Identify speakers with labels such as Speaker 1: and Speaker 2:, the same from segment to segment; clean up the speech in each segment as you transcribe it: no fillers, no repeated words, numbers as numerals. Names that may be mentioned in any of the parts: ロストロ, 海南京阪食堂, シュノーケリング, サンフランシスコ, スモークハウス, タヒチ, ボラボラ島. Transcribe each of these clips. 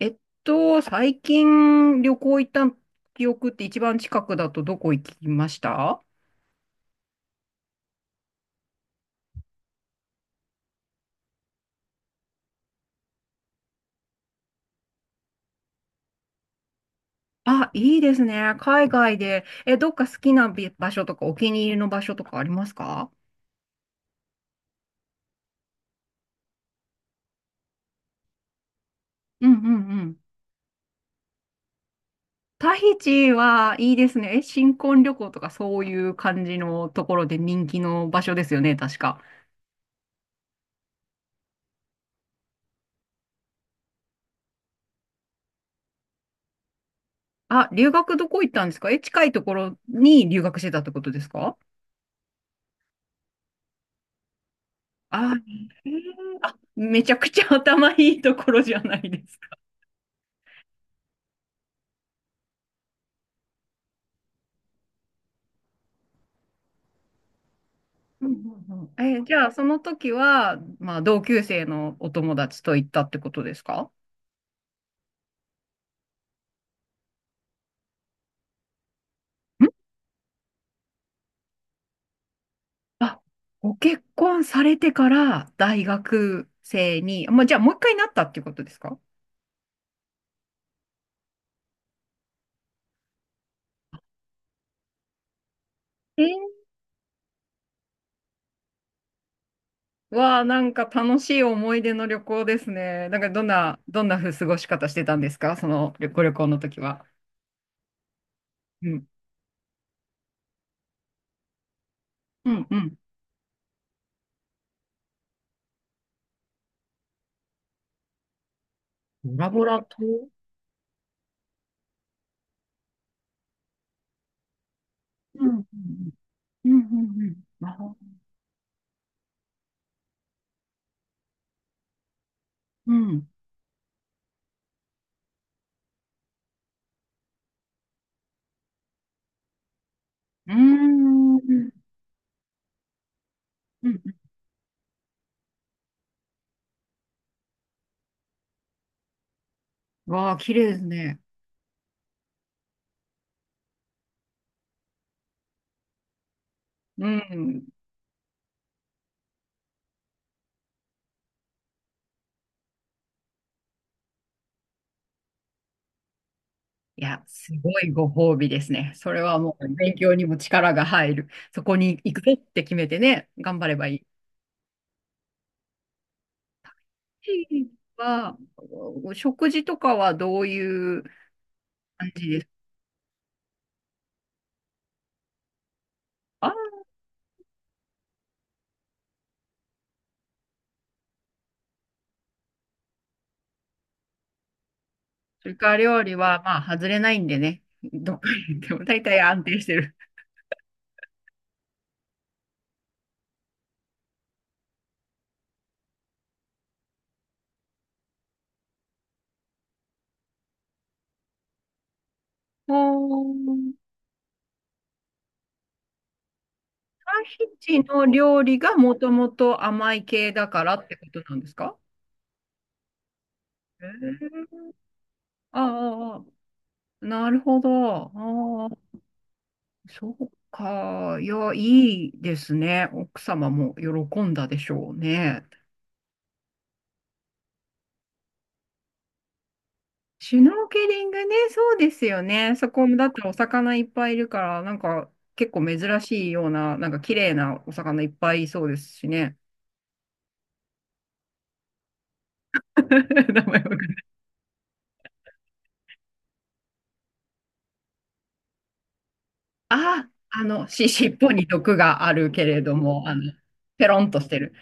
Speaker 1: えっ最近旅行行った記憶って一番近くだとどこ行きました？あ、いいですね。海外で。え、どっか好きな場所とかお気に入りの場所とかありますか？うんうんうん。タヒチはいいですね。え、新婚旅行とかそういう感じのところで人気の場所ですよね、確か。あ、留学どこ行ったんですか？え、近いところに留学してたってことですか？あ、へえ、めちゃくちゃ頭いいところじゃないです？うんうんうん。え、じゃあ、その時は、まあ、同級生のお友達と行ったってことですか？ん。あ、ご結婚されてから大学生に、まあ、じゃあ、もう一回なったっていうことですか？えー。わあ、なんか楽しい思い出の旅行ですね。なんか、どんなふう過ごし方してたんですかそのご旅行の時は？うん。うんうん。ボラボラ島？うんうんうんうんうんうん。あ、うん。うーん。うんうん。わあ、綺麗ですね。うん。いや、すごいご褒美ですね。それはもう勉強にも力が入る。そこに行くぞって決めてね、頑張ればいい。は、お食事とかはどういう感じですか？それから料理は、まあ、外れないんでね。どこに行っても大体安定してる。おー、タヒチの料理がもともと甘い系だからってことなんですか？へー。ああ、ああ、なるほど。ああ、そうか。いや、いいですね。奥様も喜んだでしょうね。シュノーケリングね、そうですよね。そこだってお魚いっぱいいるから、なんか結構珍しいような、なんか綺麗なお魚いっぱいいそうですしね。名前わかんない。あ、尻尾に毒があるけれども、ペロンとしてる。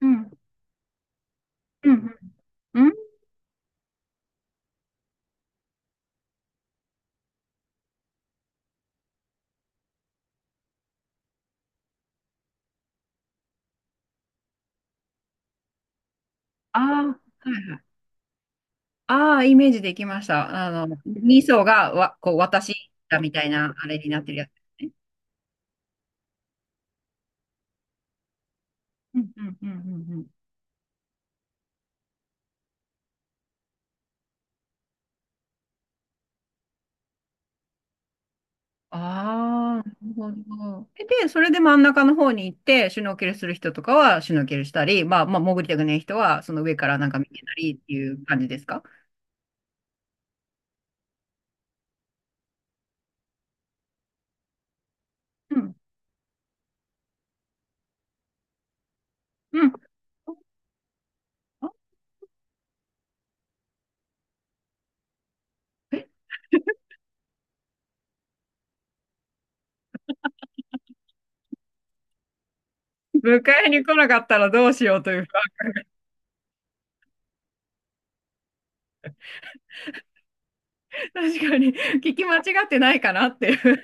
Speaker 1: うん、うん、うん。うん、ああー、はいはい。ああ、イメージできました。二層がわ、こう、私だみたいな、あれになってるやつね。うんうんうんうんうん。ああ、なるほど。で、それで真ん中の方に行って、シュノーケルする人とかはシュノーケルしたり、まあ、潜りたくない人は、その上からなんか見てたりっていう感じですか？うん。うん。迎えに来なかったらどうしようというか、確かに、聞き間違ってないかなっていう。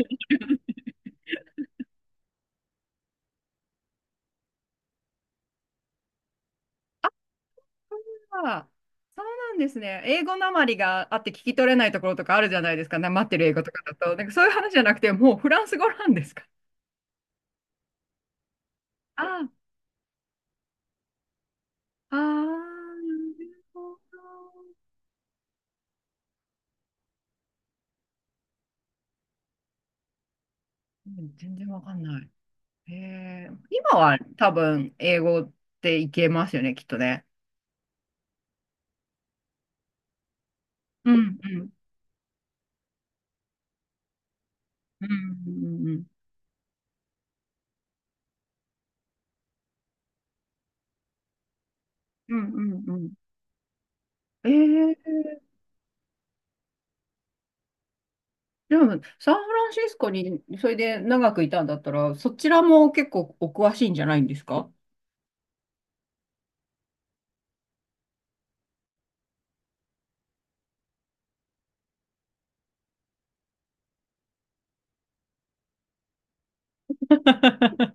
Speaker 1: あー、そうなんですね。英語なまりがあって聞き取れないところとかあるじゃないですか。なまってる英語とかだと。なんかそういう話じゃなくて、もうフランス語なんですか。ああ、あー、なるほど。うん、全然わかんない。へえ、今は多分英語っていけますよね、きっとね。うんうんうんうんうんうんうんうん。えー、でもサンフランシスコにそれで長くいたんだったら、そちらも結構お詳しいんじゃないんですか？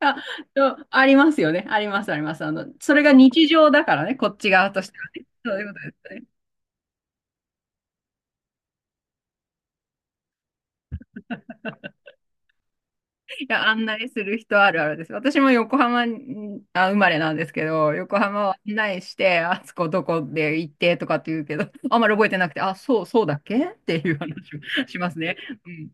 Speaker 1: あ、そうありますよね。あります、あります。それが日常だからね、こっち側としてはね。そういうことですね。いや、案内する人あるあるです。私も横浜に、あ、生まれなんですけど、横浜を案内して、あそこどこで行ってとかって言うけど、あんまり覚えてなくて、あ、そうだっけっていう話をしますね。うん。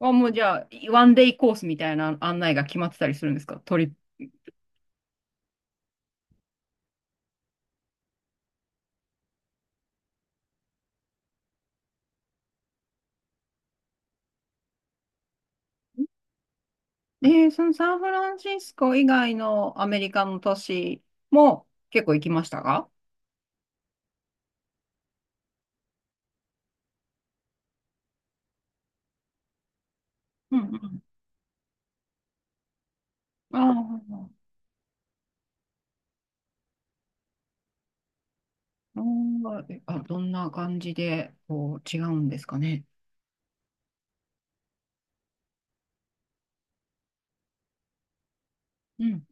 Speaker 1: あ、もうじゃあ、ワンデイコースみたいな案内が決まってたりするんですかトリップ？そのサンフランシスコ以外のアメリカの都市も結構行きましたか？うんうん。ああ、あー、あ、どんな感じで、こう、違うんですかね？うん。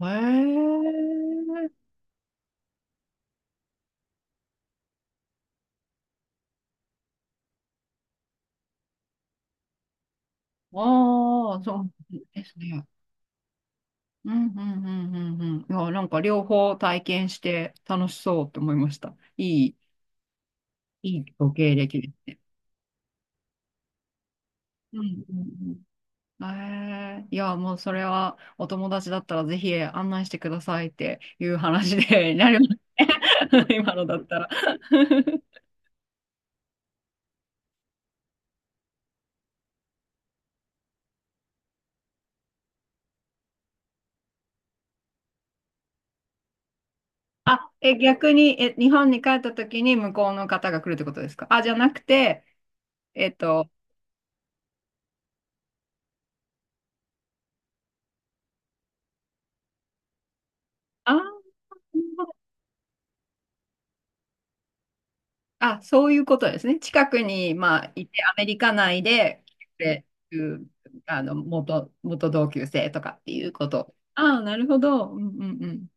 Speaker 1: へえ。ああ、そうですね。うんうんうんうんうん。いや、なんか両方体験して楽しそうって思いました。いいご経歴ですね。うんうんうん。ええ、いや、もうそれはお友達だったらぜひ案内してくださいっていう話で なりますね。今のだったら。あ、え、逆に、え、日本に帰った時に向こうの方が来るってことですか？あ、じゃなくて、えっと、あー、なるほど。あ、そういうことですね。近くに、まあ、いて、アメリカ内で来てくれる、うん、あの、元同級生とかっていうこと。ああ、なるほど。うんうんうん。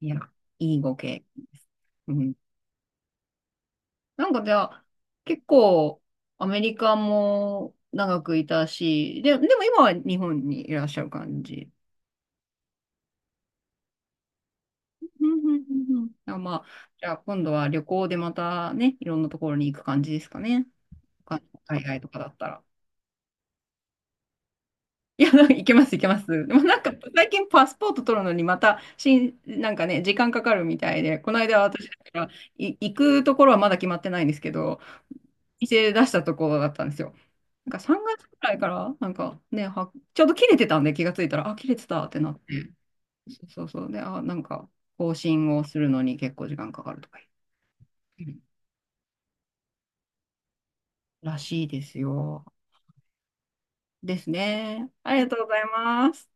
Speaker 1: いや、いいご経験です。うん。なんかじゃあ、結構、アメリカも長くいたし、でも今は日本にいらっしゃる感じ。うんうんうんうん。あ、まあ、じゃあ今度は旅行でまたね、いろんなところに行く感じですかね。他の海外とかだったら。いや、なんか行けます、行けます。でもなんか最近パスポート取るのにまたなんかね、時間かかるみたいで、この間私だから行くところはまだ決まってないんですけど、店出したところだったんですよ。なんか3月くらいから、なんかね、ちょうど切れてたんで気がついたら、あ、切れてたってなって。そうそうそう。で、あ、なんか更新をするのに結構時間かかるとか言って。らしいですよ。ですね。ありがとうございます。